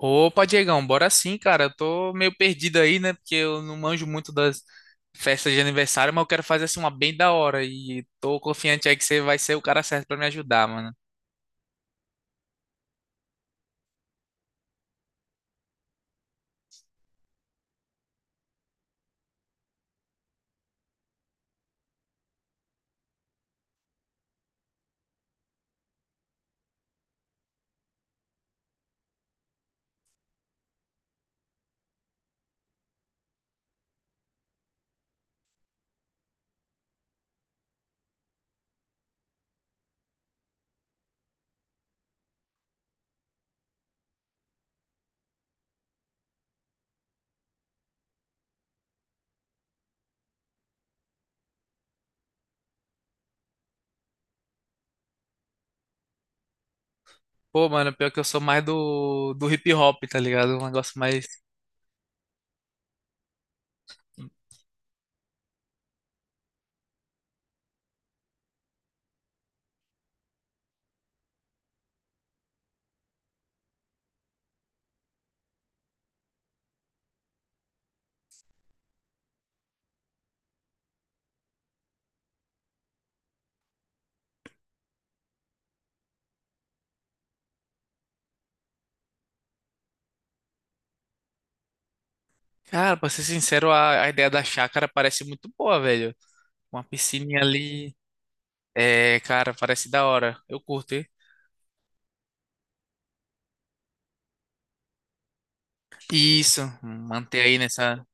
Opa, Diegão, bora sim, cara. Eu tô meio perdido aí, né? Porque eu não manjo muito das festas de aniversário, mas eu quero fazer assim uma bem da hora. E tô confiante aí que você vai ser o cara certo pra me ajudar, mano. Pô, mano, pior que eu sou mais do hip hop, tá ligado? Um negócio mais. Cara, pra ser sincero, a ideia da chácara parece muito boa, velho. Uma piscininha ali. É, cara, parece da hora. Eu curto, hein? Isso, manter aí nessa.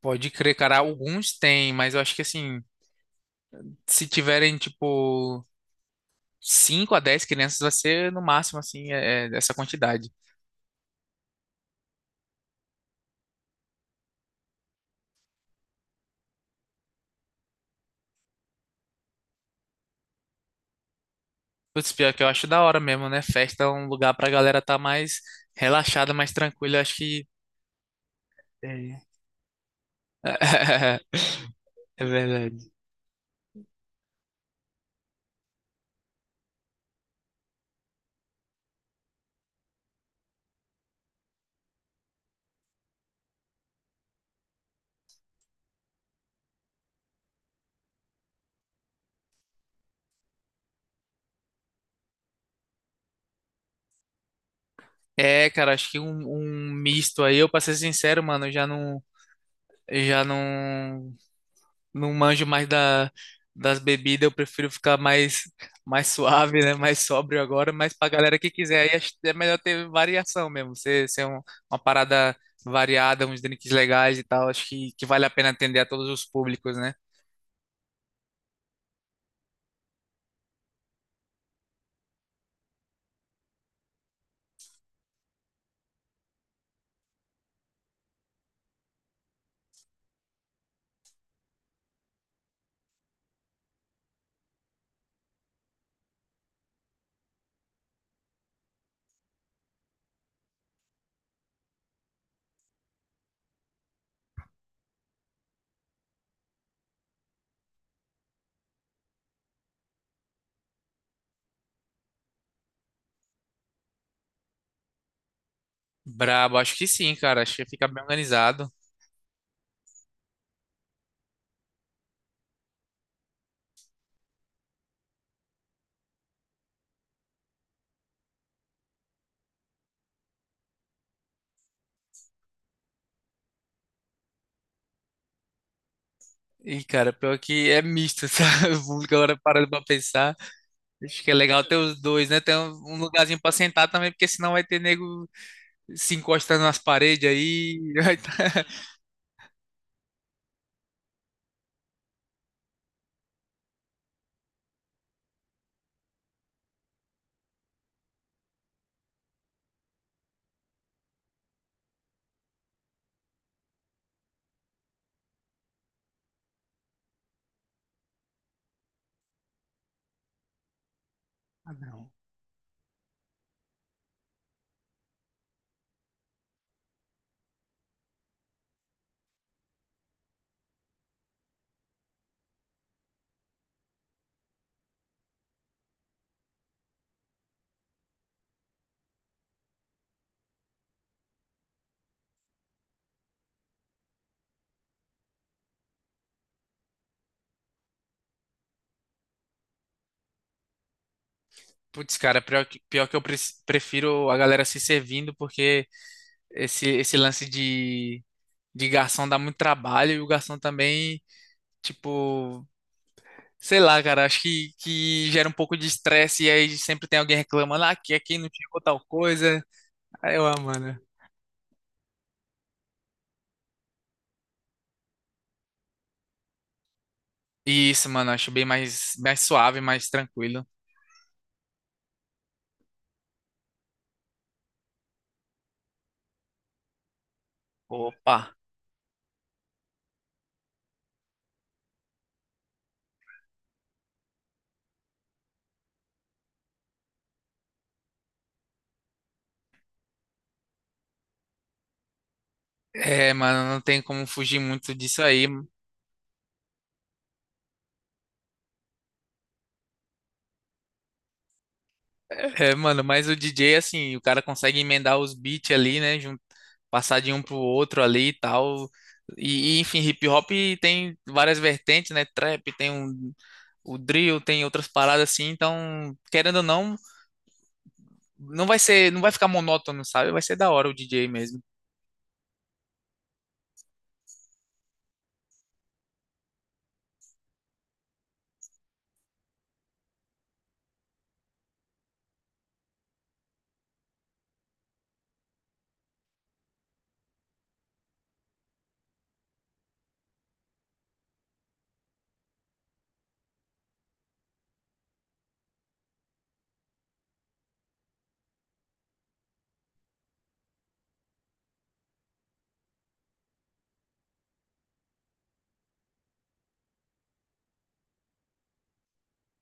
Pode crer, cara. Alguns tem, mas eu acho que assim, se tiverem, tipo, 5 a 10 crianças vai ser no máximo, assim, é, é essa quantidade. Putz, pior que eu acho da hora mesmo, né? Festa é um lugar pra galera tá mais relaxada, mais tranquila. Eu acho que. É. É verdade. É, cara, acho que um misto aí, eu pra ser sincero, mano, eu já não. Eu já não não manjo mais das bebidas, eu prefiro ficar mais, mais suave, né? Mais sóbrio agora, mas pra galera que quiser, aí acho que é melhor ter variação mesmo, ser, ser um- uma parada variada, uns drinks legais e tal, acho que vale a pena atender a todos os públicos, né? Brabo, acho que sim, cara, acho que fica bem organizado. E, cara, pior que é misto, sabe? O público agora parando pra pensar. Acho que é legal ter os dois, né? Ter um lugarzinho pra sentar também, porque senão vai ter nego se encostando nas paredes aí. Vai tá- Ah, não. Putz, cara, pior que eu pre- prefiro a galera se servindo, porque esse lance de garçom dá muito trabalho e o garçom também, tipo, sei lá, cara, acho que gera um pouco de estresse e aí sempre tem alguém reclamando, ah, aqui não chegou tal coisa. Aí eu, ah, mano. E isso, mano, acho bem mais, mais suave, mais tranquilo. Opa. É, mano, não tem como fugir muito disso aí. É, mano, mas o DJ, assim, o cara consegue emendar os beats ali, né? Passar de um pro outro ali e tal. Enfim, hip hop tem várias vertentes, né? Trap, tem um, o drill, tem outras paradas assim, então, querendo ou não, não vai ficar monótono, sabe? Vai ser da hora o DJ mesmo.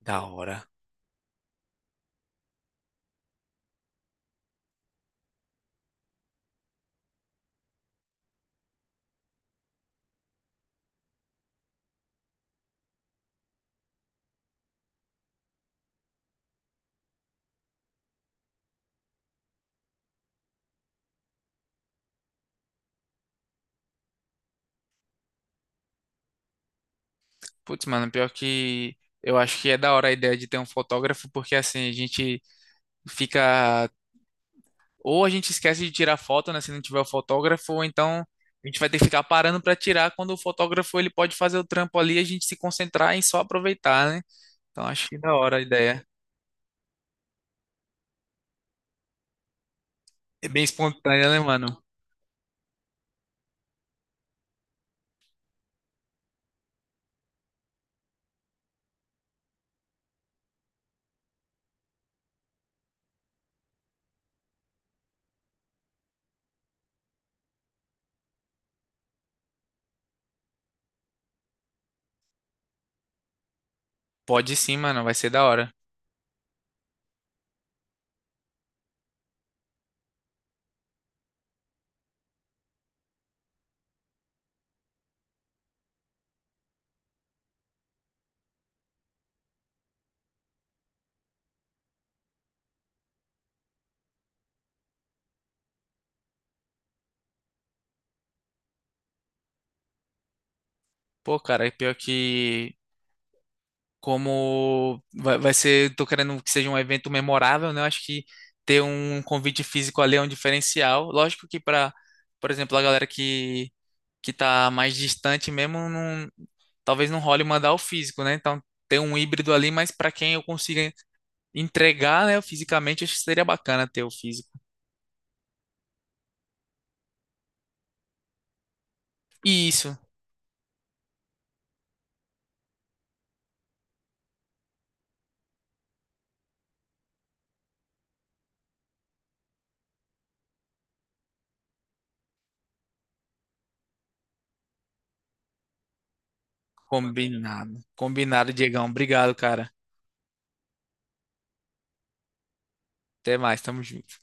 Da hora. Putz, mano, pior que eu acho que é da hora a ideia de ter um fotógrafo, porque assim, a gente fica, ou a gente esquece de tirar foto, né, se não tiver o fotógrafo, ou então a gente vai ter que ficar parando pra tirar quando o fotógrafo ele pode fazer o trampo ali e a gente se concentrar em só aproveitar, né? Então acho que da hora a ideia. É bem espontânea, né, mano? Pode sim, mano, vai ser da hora. Pô, cara, é pior que como vai, vai ser, tô querendo que seja um evento memorável, né? Eu acho que ter um convite físico ali é um diferencial. Lógico que para, por exemplo, a galera que tá mais distante mesmo, não, talvez não role mandar o físico, né? Então ter um híbrido ali, mas para quem eu consiga entregar, né, fisicamente, acho que seria bacana ter o físico. E isso. Combinado. Combinado, Diegão. Obrigado, cara. Até mais, tamo junto.